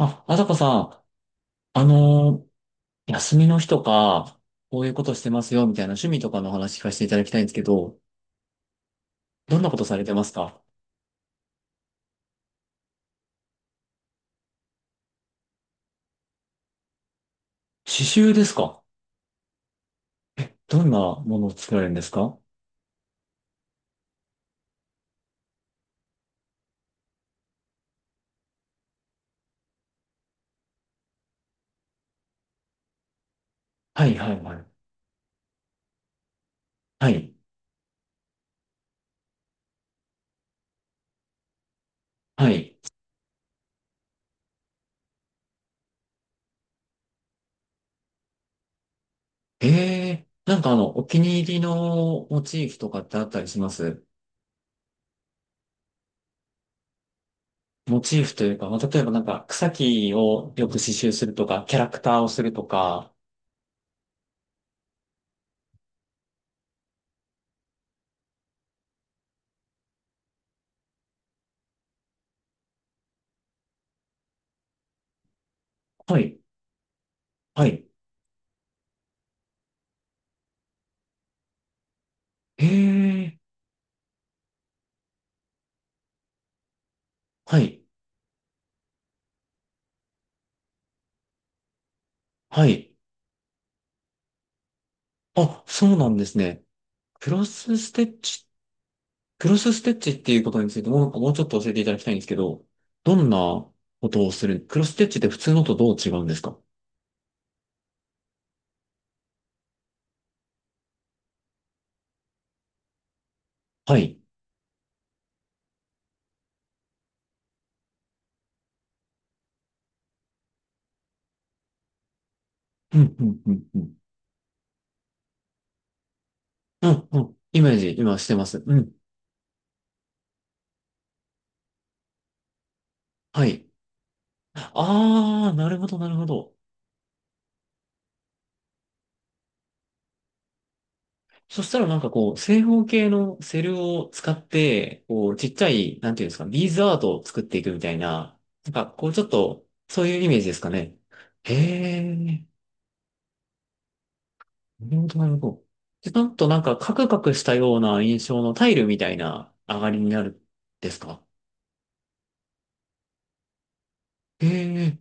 あ、あさこさん、あの休みの日とか、こういうことしてますよ、みたいな趣味とかの話聞かせていただきたいんですけど、どんなことされてますか？刺繍ですか？どんなものを作られるんですか？はい、はい、はい。はい、はい。ええ、お気に入りのモチーフとかってあったりします？モチーフというか、まあ、例えばなんか草木をよく刺繍するとか、キャラクターをするとか、はい、はい。ええ。はい、はい。あ、そうなんですね。クロスステッチ、クロスステッチっていうことについてもうちょっと教えていただきたいんですけど、どんなことをする、クロスステッチって普通のとどう違うんですか？はい。うん、うん、うん、うん。うん、うん。イメージ、今してます。うん。はい。あー、なるほど、なるほど。そしたらなんかこう、正方形のセルを使って、こう、ちっちゃい、なんていうんですか、ビーズアートを作っていくみたいな、なんかこう、ちょっと、そういうイメージですかね。へー。なるほど、なるほど。で、なんとカクカクしたような印象のタイルみたいな上がりになるんですか？ええ、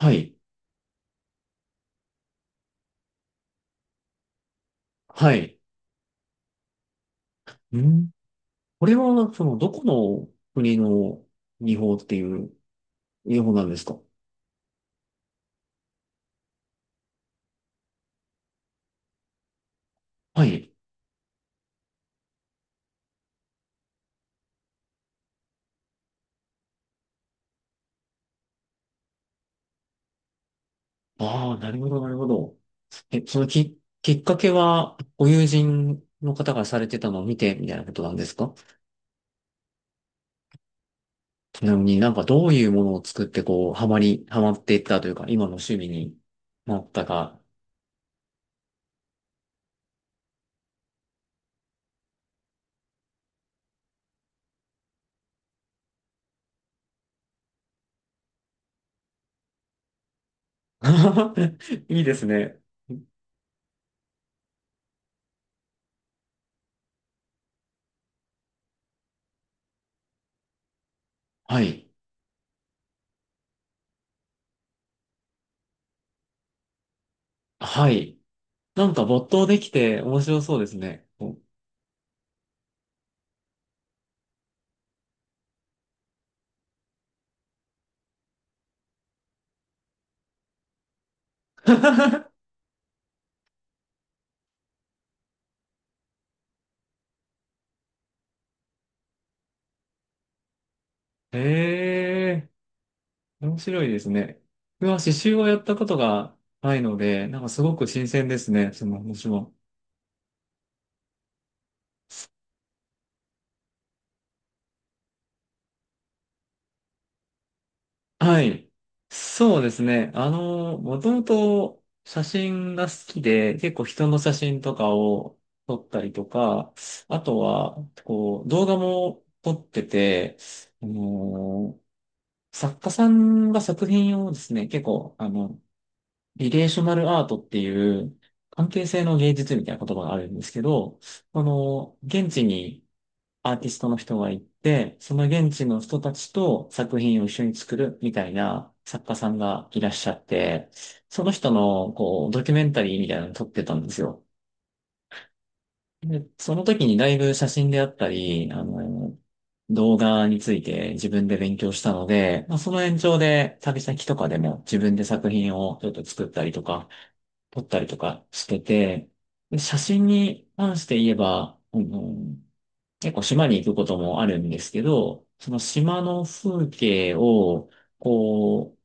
はい、はい。うん。これは、その、どこの国の技法っていう技法なんですか？はい。ああ、なるほど、なるほど。え、そのきっかけは、ご友人の方がされてたのを見て、みたいなことなんですか？ちなみになんかどういうものを作って、こう、ハマっていったというか、今の趣味になったか、いいですね。はい。はい。なんか没頭できて面白そうですね。へえ、面白いですね。うわ、刺繍はやったことがないので、なんかすごく新鮮ですね。その話も。はい。そうですね。あの、もともと写真が好きで、結構人の写真とかを撮ったりとか、あとは、こう、動画も撮ってて、あの、作家さんが作品をですね、結構、あの、リレーショナルアートっていう関係性の芸術みたいな言葉があるんですけど、その、現地にアーティストの人が行って、その現地の人たちと作品を一緒に作るみたいな作家さんがいらっしゃって、その人の、こう、ドキュメンタリーみたいなのを撮ってたんですよ。で、その時にだいぶ写真であったり、あの、動画について自分で勉強したので、まあ、その延長で旅先とかでも自分で作品をちょっと作ったりとか、撮ったりとかしてて、で、写真に関して言えば、あの、結構島に行くこともあるんですけど、その島の風景を、こう、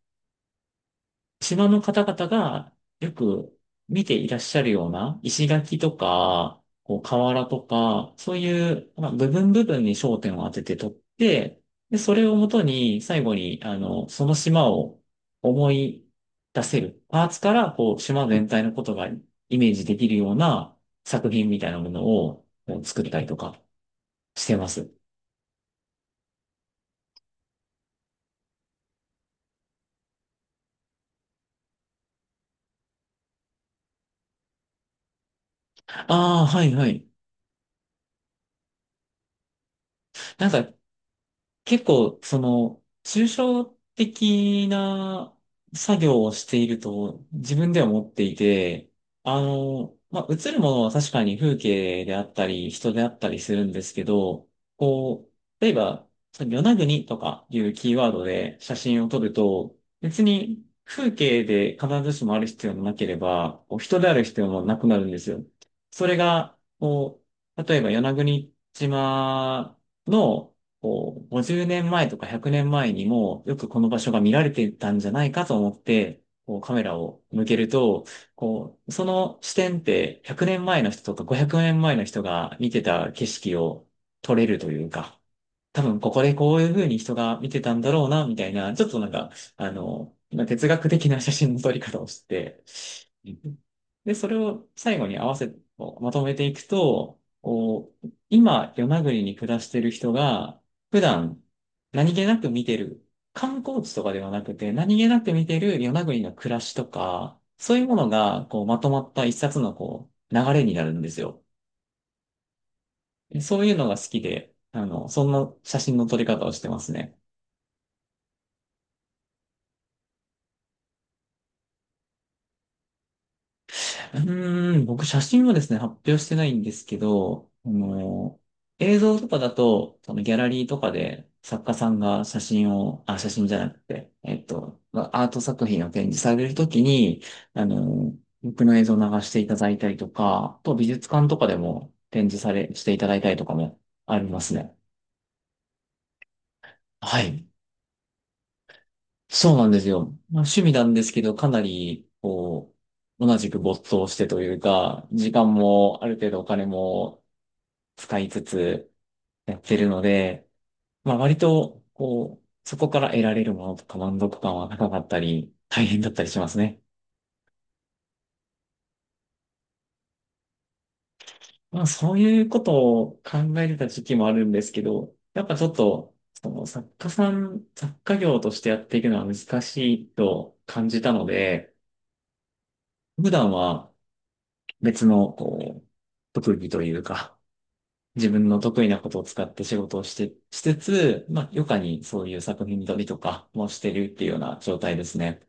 島の方々がよく見ていらっしゃるような石垣とか、こう瓦とか、そういう、まあ、部分部分に焦点を当てて撮って、で、それをもとに最後に、あの、その島を思い出せる、パーツから、こう、島全体のことがイメージできるような作品みたいなものをこう作ったりとかしてます。ああ、はいはい。なんか結構、その、抽象的な作業をしていると自分では思っていて、あの、まあ、映るものは確かに風景であったり、人であったりするんですけど、こう、例えば、その与那国とかいうキーワードで写真を撮ると、別に風景で必ずしもある必要もなければ、こう人である必要もなくなるんですよ。それが、こう、例えば与那国島のこう、50年前とか100年前にもよくこの場所が見られてたんじゃないかと思って、こうカメラを向けると、こう、その視点って100年前の人とか500年前の人が見てた景色を撮れるというか、多分ここでこういう風に人が見てたんだろうな、みたいな、ちょっとなんか、あの、まあ哲学的な写真の撮り方をして、うん、で、それを最後に合わせ、こうまとめていくと、こう、今、与那国に暮らしてる人が、普段、何気なく見てる、観光地とかではなくて、何気なく見てる与那国の暮らしとか、そういうものが、こう、まとまった一冊の、こう、流れになるんですよ。で、そういうのが好きで、あの、そんな写真の撮り方をしてますね。うーん、僕写真はですね、発表してないんですけど、あの、映像とかだと、そのギャラリーとかで作家さんが写真を、あ、写真じゃなくて、まあアート作品を展示されるときに、あの、僕の映像を流していただいたりとか、あと美術館とかでも展示され、していただいたりとかもありますね。はい。そうなんですよ。まあ、趣味なんですけど、かなり、こう、同じく没頭してというか、時間もある程度お金も使いつつやってるので、まあ割と、こう、そこから得られるものとか満足感は高かったり、大変だったりしますね。まあそういうことを考えてた時期もあるんですけど、やっぱちょっと、その作家さん、作家業としてやっていくのは難しいと感じたので、普段は別の、こう、特技というか、自分の得意なことを使って仕事をして、しつつ、まあ、余暇にそういう作品撮りとかもしてるっていうような状態ですね。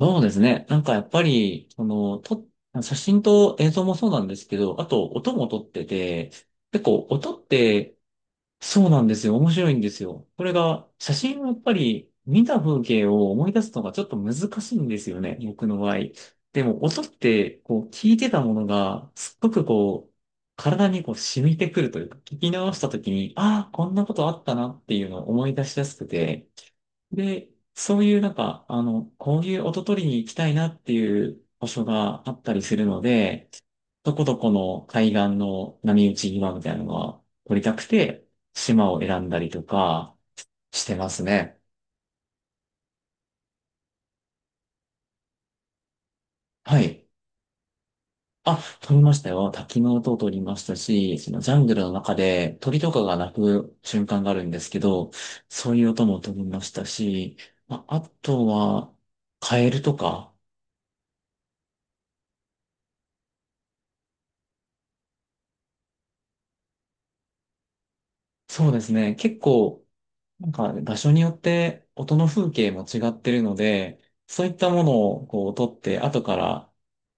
そうですね。なんかやっぱり、写真と映像もそうなんですけど、あと音も撮ってて、結構音って、そうなんですよ。面白いんですよ、これが。写真はやっぱり見た風景を思い出すのがちょっと難しいんですよね、僕の場合。でも、音って、こう、聞いてたものが、すっごくこう、体にこう染みてくるというか、聞き直した時に、ああ、こんなことあったなっていうのを思い出しやすくて、で、そういうなんか、あの、こういう音取りに行きたいなっていう場所があったりするので、どこどこの海岸の波打ち際みたいなのが撮りたくて、島を選んだりとかしてますね。はい。あ、撮りましたよ。滝の音を撮りましたし、そのジャングルの中で鳥とかが鳴く瞬間があるんですけど、そういう音も撮りましたし、まあ、あとは、カエルとか、そうですね。結構、なんか場所によって音の風景も違ってるので、そういったものをこう撮って後から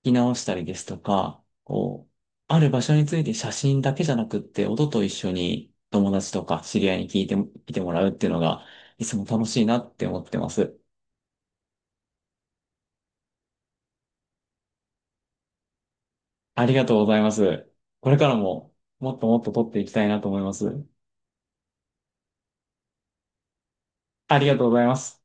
聞き直したりですとか、こう、ある場所について写真だけじゃなくって音と一緒に友達とか知り合いに聞いてもらうっていうのがいつも楽しいなって思ってます。ありがとうございます。これからももっともっと撮っていきたいなと思います。ありがとうございます。